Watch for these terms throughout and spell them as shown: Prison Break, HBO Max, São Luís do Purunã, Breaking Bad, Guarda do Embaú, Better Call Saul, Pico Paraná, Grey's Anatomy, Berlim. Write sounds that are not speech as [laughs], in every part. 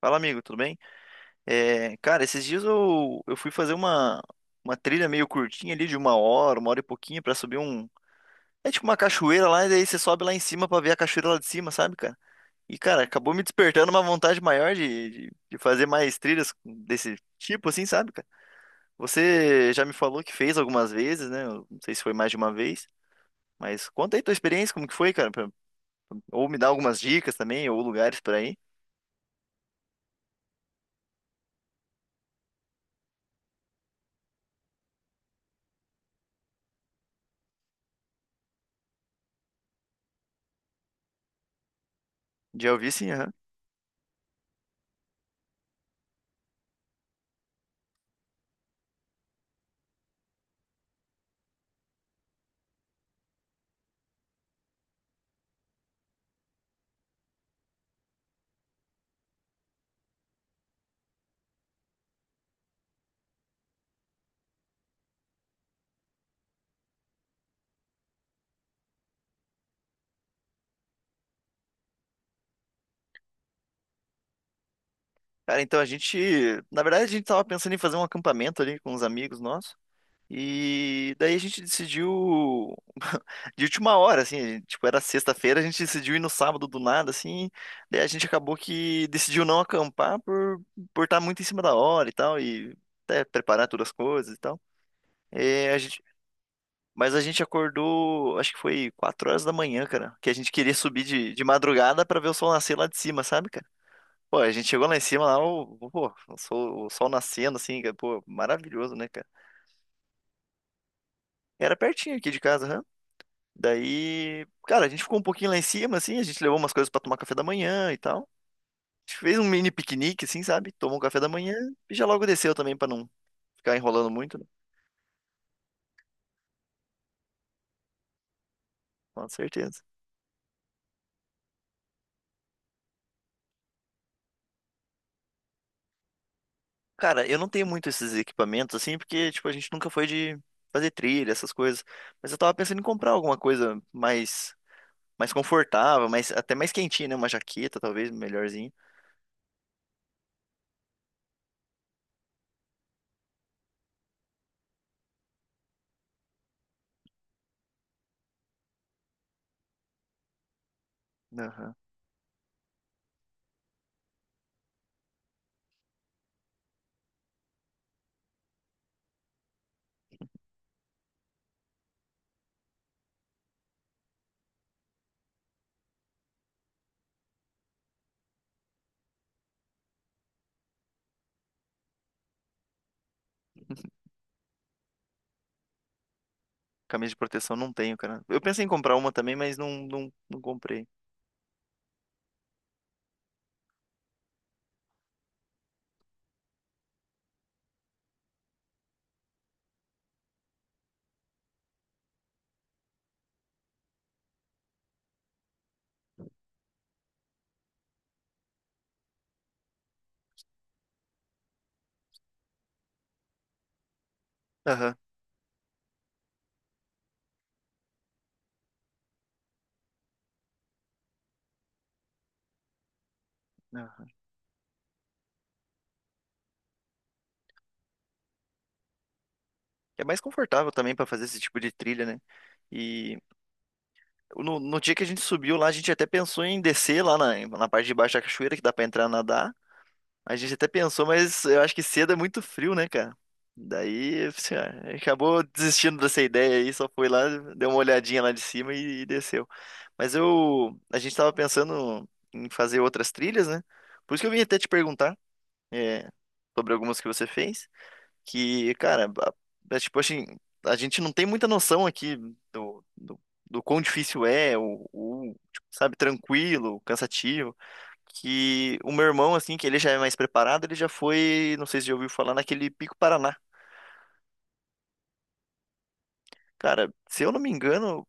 Fala, amigo, tudo bem? É, cara, esses dias eu fui fazer uma trilha meio curtinha ali, de uma hora e pouquinho, pra subir um. É tipo uma cachoeira lá, e daí você sobe lá em cima pra ver a cachoeira lá de cima, sabe, cara? E, cara, acabou me despertando uma vontade maior de fazer mais trilhas desse tipo, assim, sabe, cara? Você já me falou que fez algumas vezes, né? Eu não sei se foi mais de uma vez, mas conta aí tua experiência, como que foi, cara? Ou me dá algumas dicas também, ou lugares pra ir. Já ouvi, sim. Cara, então a gente, na verdade a gente tava pensando em fazer um acampamento ali com uns amigos nossos. E daí a gente decidiu [laughs] de última hora, assim, tipo, era sexta-feira, a gente decidiu ir no sábado do nada, assim. Daí a gente acabou que decidiu não acampar por estar muito em cima da hora e tal e até preparar todas as coisas e tal. É, a gente, mas a gente acordou, acho que foi 4 horas da manhã, cara, que a gente queria subir de madrugada pra ver o sol nascer lá de cima, sabe, cara? Pô, a gente chegou lá em cima, lá, o, pô, o sol nascendo, assim, cara, pô, maravilhoso, né, cara? Era pertinho aqui de casa, né? Daí, cara, a gente ficou um pouquinho lá em cima, assim, a gente levou umas coisas pra tomar café da manhã e tal. A gente fez um mini piquenique, assim, sabe? Tomou um café da manhã e já logo desceu também pra não ficar enrolando muito, né? Com certeza. Cara, eu não tenho muito esses equipamentos, assim, porque, tipo, a gente nunca foi de fazer trilha, essas coisas. Mas eu tava pensando em comprar alguma coisa mais, mais confortável, mais, até mais quentinha, né? Uma jaqueta, talvez, melhorzinha. Aham. Camisa de proteção não tenho, cara. Eu pensei em comprar uma também, mas não comprei. Aham. Aham. É mais confortável também pra fazer esse tipo de trilha, né? E no dia que a gente subiu lá, a gente até pensou em descer lá na parte de baixo da cachoeira, que dá pra entrar nadar. A gente até pensou, mas eu acho que cedo é muito frio, né, cara? Daí, assim, ah, acabou desistindo dessa ideia aí, só foi lá, deu uma olhadinha lá de cima e desceu. A gente tava pensando em fazer outras trilhas, né? Por isso que eu vim até te perguntar. É, sobre algumas que você fez, que, cara, é tipo assim, a gente não tem muita noção aqui do, do, do quão difícil é, tipo, sabe, tranquilo, cansativo, que o meu irmão, assim, que ele já é mais preparado, ele já foi, não sei se já ouviu falar, naquele Pico Paraná. Cara, se eu não me engano,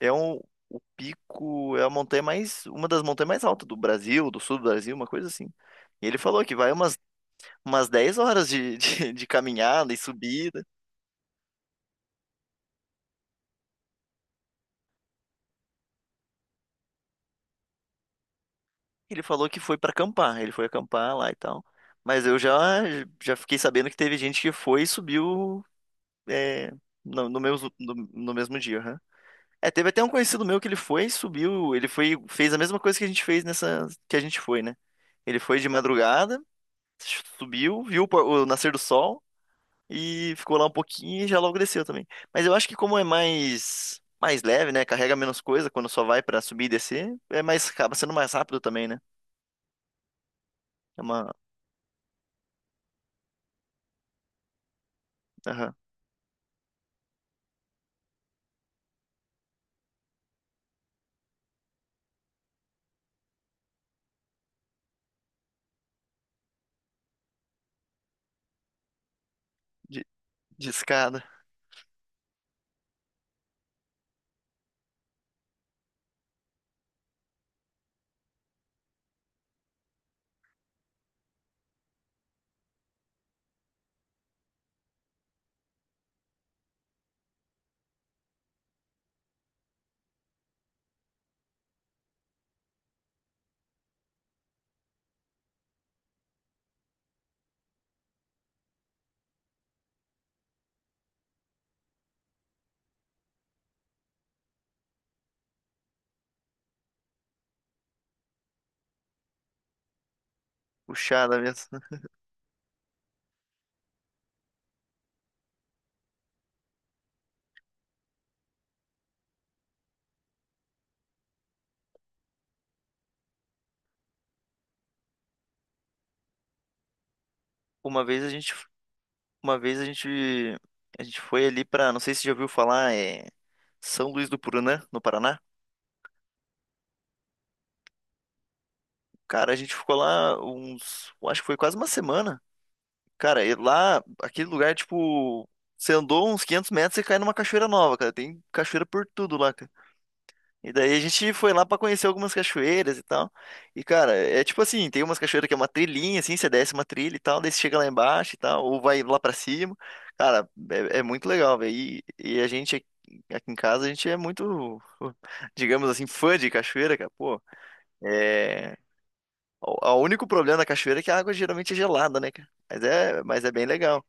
é um, o pico, é a montanha mais, uma das montanhas mais altas do Brasil, do sul do Brasil, uma coisa assim. E ele falou que vai umas 10 horas [laughs] de caminhada e subida. Ele falou que foi pra acampar, ele foi acampar lá e tal. Mas eu já fiquei sabendo que teve gente que foi e subiu é, no mesmo dia, aham. É, teve até um conhecido meu que ele foi, subiu, ele foi, fez a mesma coisa que a gente fez nessa que a gente foi, né? Ele foi de madrugada, subiu, viu o nascer do sol e ficou lá um pouquinho e já logo desceu também. Mas eu acho que como é mais leve, né? Carrega menos coisa quando só vai pra subir e descer, é mais acaba sendo mais rápido também, né? É uma, aham. De escada, puxada mesmo, né? Uma vez a gente, uma vez a gente foi ali pra, não sei se já ouviu falar, é São Luís do Purunã, no Paraná. Cara, a gente ficou lá uns, eu acho que foi quase uma semana. Cara, e lá, aquele lugar, tipo, você andou uns 500 metros e cai numa cachoeira nova, cara. Tem cachoeira por tudo lá, cara. E daí a gente foi lá pra conhecer algumas cachoeiras e tal. E, cara, é tipo assim, tem umas cachoeiras que é uma trilhinha, assim, você desce uma trilha e tal, daí você chega lá embaixo e tal, ou vai lá pra cima. Cara, é muito legal, velho. E a gente aqui em casa, a gente é muito, [laughs] digamos assim, fã de cachoeira, cara. Pô, é... o único problema da cachoeira é que a água geralmente é gelada, né, cara? Mas é bem legal.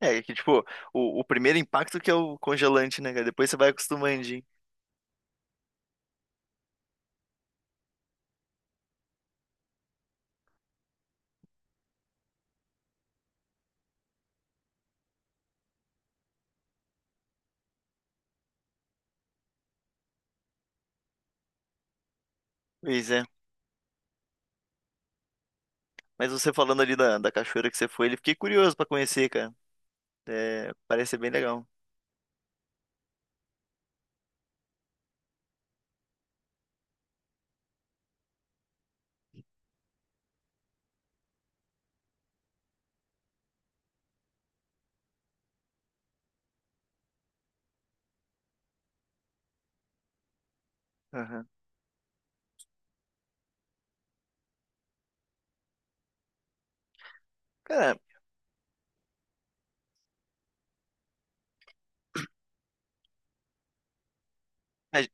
É que, tipo, o primeiro impacto que é o congelante, né, cara? Depois você vai acostumando, hein? Pois é. Mas você falando ali da cachoeira que você foi, ele fiquei curioso pra conhecer, cara. É, parece ser bem legal. Aham. Cara, a,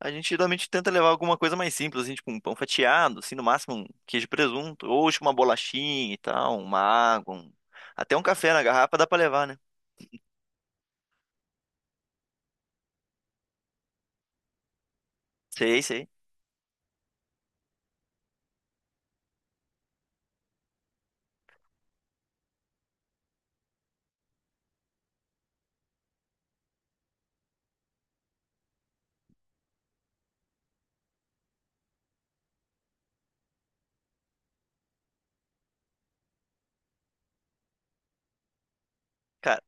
a gente geralmente tenta levar alguma coisa mais simples, assim, tipo um pão fatiado, assim, no máximo um queijo e presunto, ou tipo uma bolachinha e tal, uma água, até um café na garrafa dá pra levar, né? Sei, sei. Cara,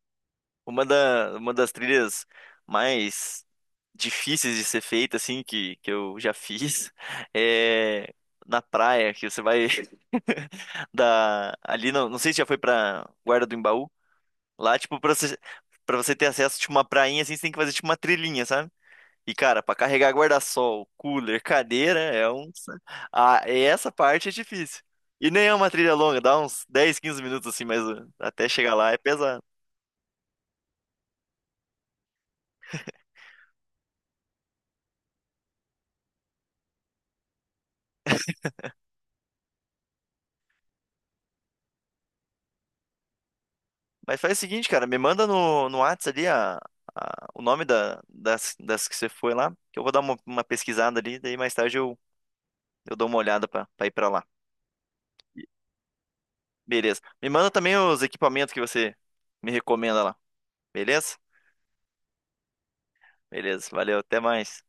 Uma das trilhas mais difíceis de ser feita, assim, que eu já [laughs] fiz, é na praia, que você vai [laughs] da, ali, não sei se já foi pra Guarda do Embaú, lá, tipo, pra você ter acesso, tipo, uma prainha, assim, você tem que fazer, tipo, uma trilhinha, sabe? E, cara, pra carregar guarda-sol, cooler, cadeira, é um... Ah, essa parte é difícil. E nem é uma trilha longa, dá uns 10, 15 minutos, assim, mas até chegar lá é pesado. Mas faz o seguinte, cara, me manda no Whats ali a, o nome da, das que você foi lá, que eu vou dar uma pesquisada ali, daí mais tarde eu dou uma olhada pra, pra ir pra lá. Beleza. Me manda também os equipamentos que você me recomenda lá. Beleza? Beleza. Valeu, até mais.